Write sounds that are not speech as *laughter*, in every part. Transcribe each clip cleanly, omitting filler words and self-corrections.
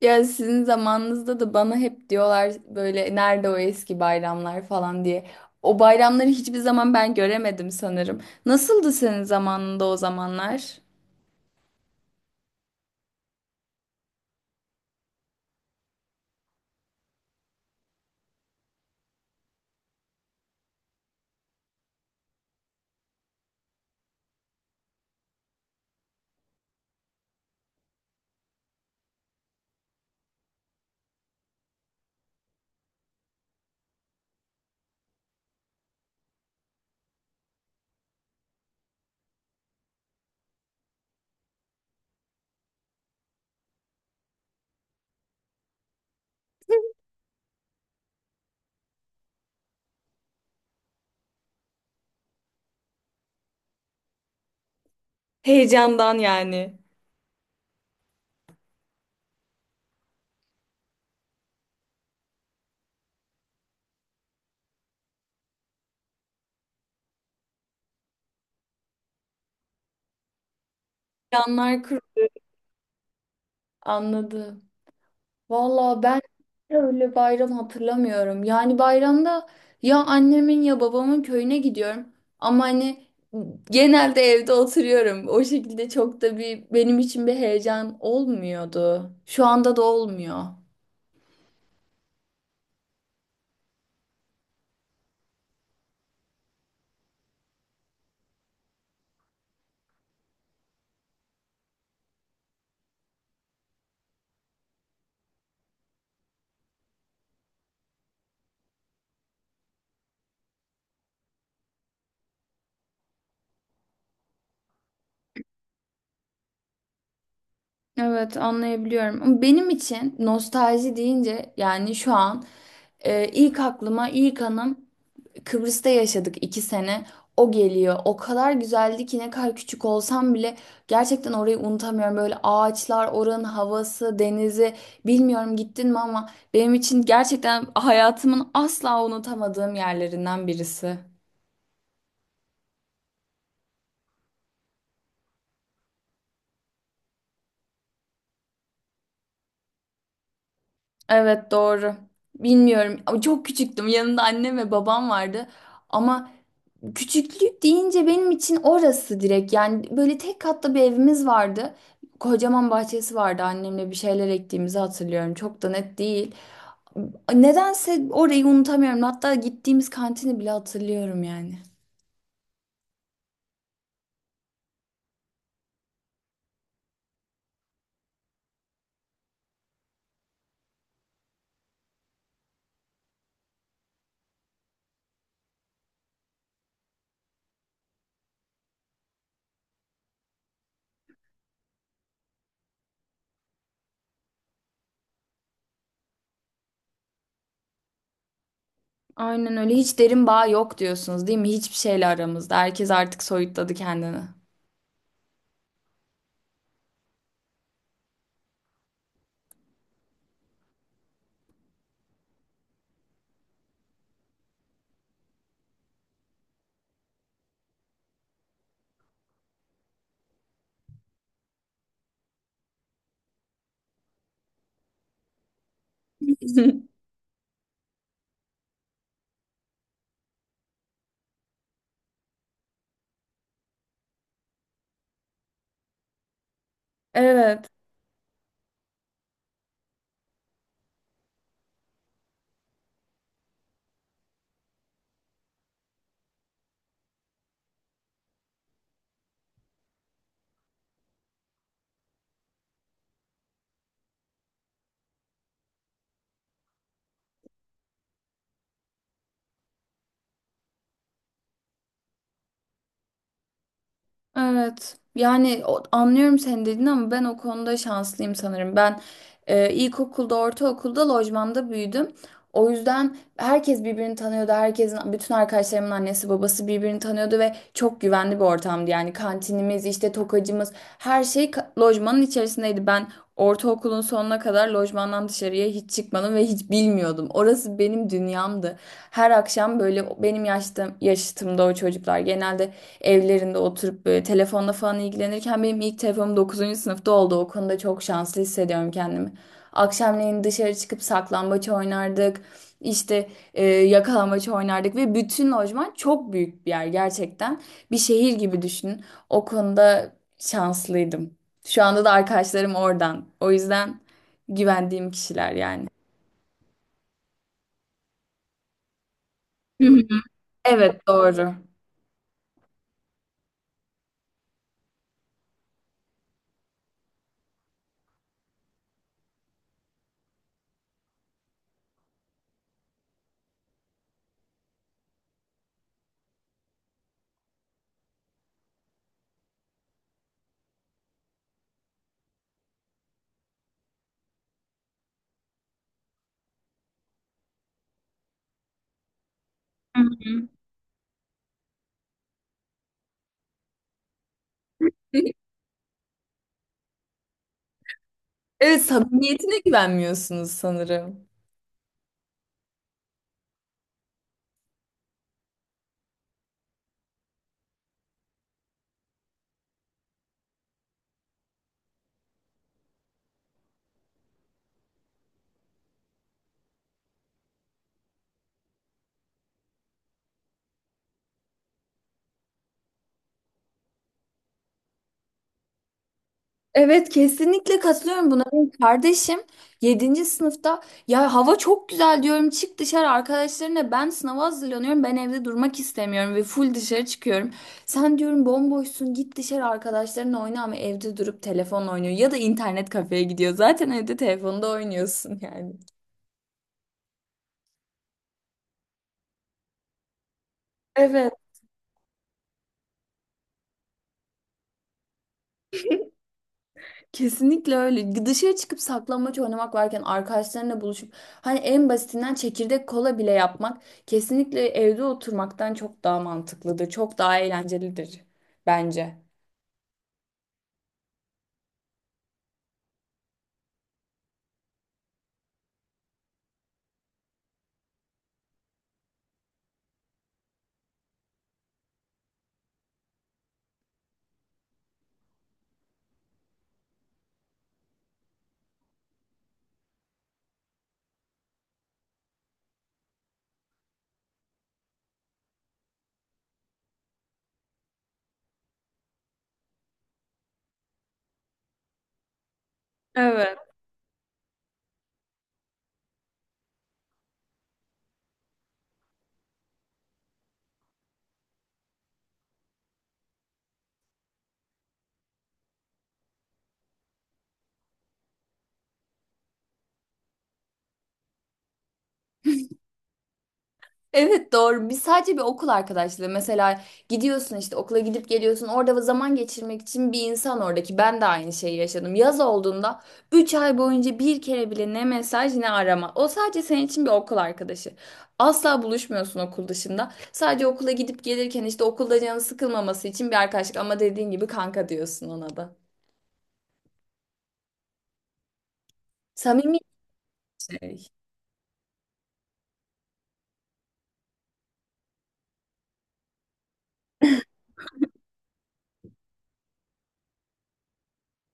Ya sizin zamanınızda da bana hep diyorlar böyle nerede o eski bayramlar falan diye. O bayramları hiçbir zaman ben göremedim sanırım. Nasıldı senin zamanında o zamanlar? Heyecandan yani. Heyecanlar anladı. Valla ben öyle bayram hatırlamıyorum. Yani bayramda ya annemin ya babamın köyüne gidiyorum. Ama hani genelde evde oturuyorum. O şekilde çok da bir benim için bir heyecan olmuyordu. Şu anda da olmuyor. Evet, anlayabiliyorum. Ama benim için nostalji deyince yani şu an ilk aklıma ilk anım Kıbrıs'ta yaşadık 2 sene. O geliyor. O kadar güzeldi ki ne kadar küçük olsam bile gerçekten orayı unutamıyorum. Böyle ağaçlar, oranın havası, denizi, bilmiyorum gittin mi ama benim için gerçekten hayatımın asla unutamadığım yerlerinden birisi. Evet, doğru. Bilmiyorum. Ama çok küçüktüm. Yanımda annem ve babam vardı. Ama küçüklük deyince benim için orası direkt yani böyle tek katlı bir evimiz vardı. Kocaman bahçesi vardı, annemle bir şeyler ektiğimizi hatırlıyorum, çok da net değil. Nedense orayı unutamıyorum, hatta gittiğimiz kantini bile hatırlıyorum yani. Aynen öyle, hiç derin bağ yok diyorsunuz değil mi? Hiçbir şeyle aramızda, herkes artık soyutladı kendini. *laughs* Evet. Evet. Yani anlıyorum senin dediğini ama ben o konuda şanslıyım sanırım. Ben ilkokulda, ortaokulda lojmanda büyüdüm. O yüzden herkes birbirini tanıyordu. Herkesin, bütün arkadaşlarımın annesi babası birbirini tanıyordu ve çok güvenli bir ortamdı. Yani kantinimiz, işte tokacımız, her şey lojmanın içerisindeydi. Ben ortaokulun sonuna kadar lojmandan dışarıya hiç çıkmadım ve hiç bilmiyordum. Orası benim dünyamdı. Her akşam böyle benim yaştım, yaşıtımda o çocuklar genelde evlerinde oturup böyle telefonla falan ilgilenirken benim ilk telefonum dokuzuncu sınıfta oldu. O konuda çok şanslı hissediyorum kendimi. Akşamleyin dışarı çıkıp saklambaç oynardık. İşte yakalambaç oynardık ve bütün lojman çok büyük bir yer gerçekten. Bir şehir gibi düşünün. O konuda şanslıydım. Şu anda da arkadaşlarım oradan. O yüzden güvendiğim kişiler yani. Hı hı. Evet, doğru. *laughs* Evet, samimiyetine güvenmiyorsunuz sanırım. Evet, kesinlikle katılıyorum buna. Benim kardeşim yedinci sınıfta, ya hava çok güzel diyorum, çık dışarı arkadaşlarına, ben sınava hazırlanıyorum, ben evde durmak istemiyorum ve full dışarı çıkıyorum. Sen, diyorum, bomboşsun, git dışarı arkadaşlarınla oyna, ama evde durup telefonla oynuyor ya da internet kafeye gidiyor, zaten evde telefonda oynuyorsun yani. Evet. Kesinlikle öyle. Dışarı çıkıp saklambaç oynamak varken, arkadaşlarınla buluşup hani en basitinden çekirdek kola bile yapmak kesinlikle evde oturmaktan çok daha mantıklıdır. Çok daha eğlencelidir bence. Evet. Evet, doğru. Biz sadece bir okul arkadaşlığı. Mesela gidiyorsun işte, okula gidip geliyorsun. Orada zaman geçirmek için bir insan oradaki. Ben de aynı şeyi yaşadım. Yaz olduğunda 3 ay boyunca bir kere bile ne mesaj ne arama. O sadece senin için bir okul arkadaşı. Asla buluşmuyorsun okul dışında. Sadece okula gidip gelirken işte okulda canı sıkılmaması için bir arkadaşlık. Ama dediğin gibi kanka diyorsun ona da. Samimi bir şey.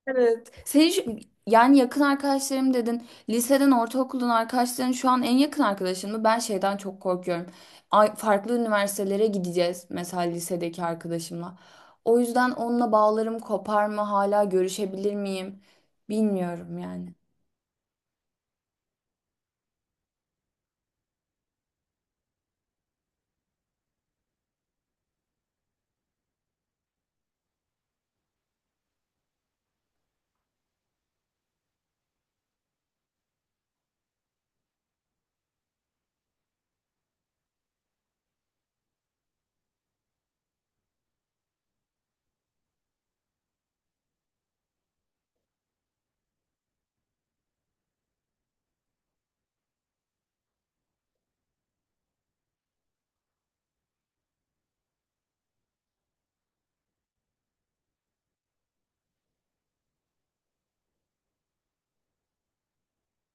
Evet. Senin yani yakın arkadaşlarım dedin. Liseden, ortaokuldan arkadaşların şu an en yakın arkadaşın mı? Ben şeyden çok korkuyorum. Ay, farklı üniversitelere gideceğiz mesela lisedeki arkadaşımla. O yüzden onunla bağlarım kopar mı? Hala görüşebilir miyim? Bilmiyorum yani.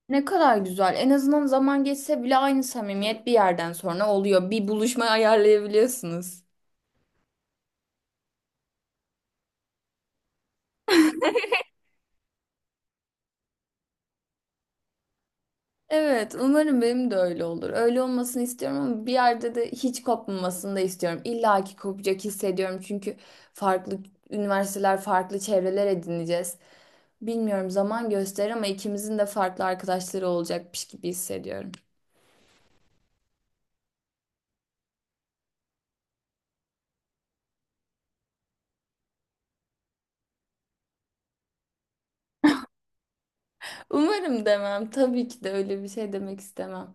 Ne kadar güzel. En azından zaman geçse bile aynı samimiyet bir yerden sonra oluyor. Bir buluşma ayarlayabiliyorsunuz. Evet, umarım benim de öyle olur. Öyle olmasını istiyorum ama bir yerde de hiç kopmamasını da istiyorum. İlla ki kopacak hissediyorum, çünkü farklı üniversiteler, farklı çevreler edineceğiz. Bilmiyorum, zaman gösterir, ama ikimizin de farklı arkadaşları olacakmış gibi hissediyorum. Umarım demem. Tabii ki de öyle bir şey demek istemem.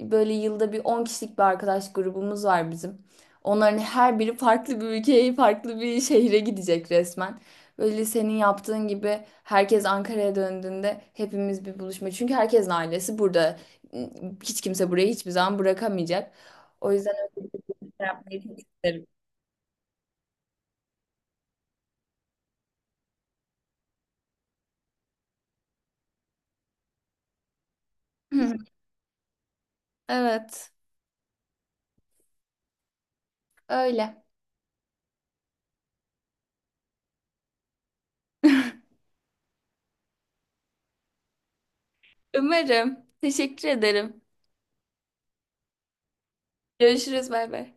Böyle yılda bir 10 kişilik bir arkadaş grubumuz var bizim. Onların her biri farklı bir ülkeye, farklı bir şehre gidecek resmen. Böyle senin yaptığın gibi herkes Ankara'ya döndüğünde hepimiz bir buluşma. Çünkü herkesin ailesi burada. Hiç kimse burayı hiçbir zaman bırakamayacak. O yüzden öyle bir şey yapmayı çok isterim. *laughs* Evet, öyle. *laughs* Umarım. Teşekkür ederim. Görüşürüz, bay bay.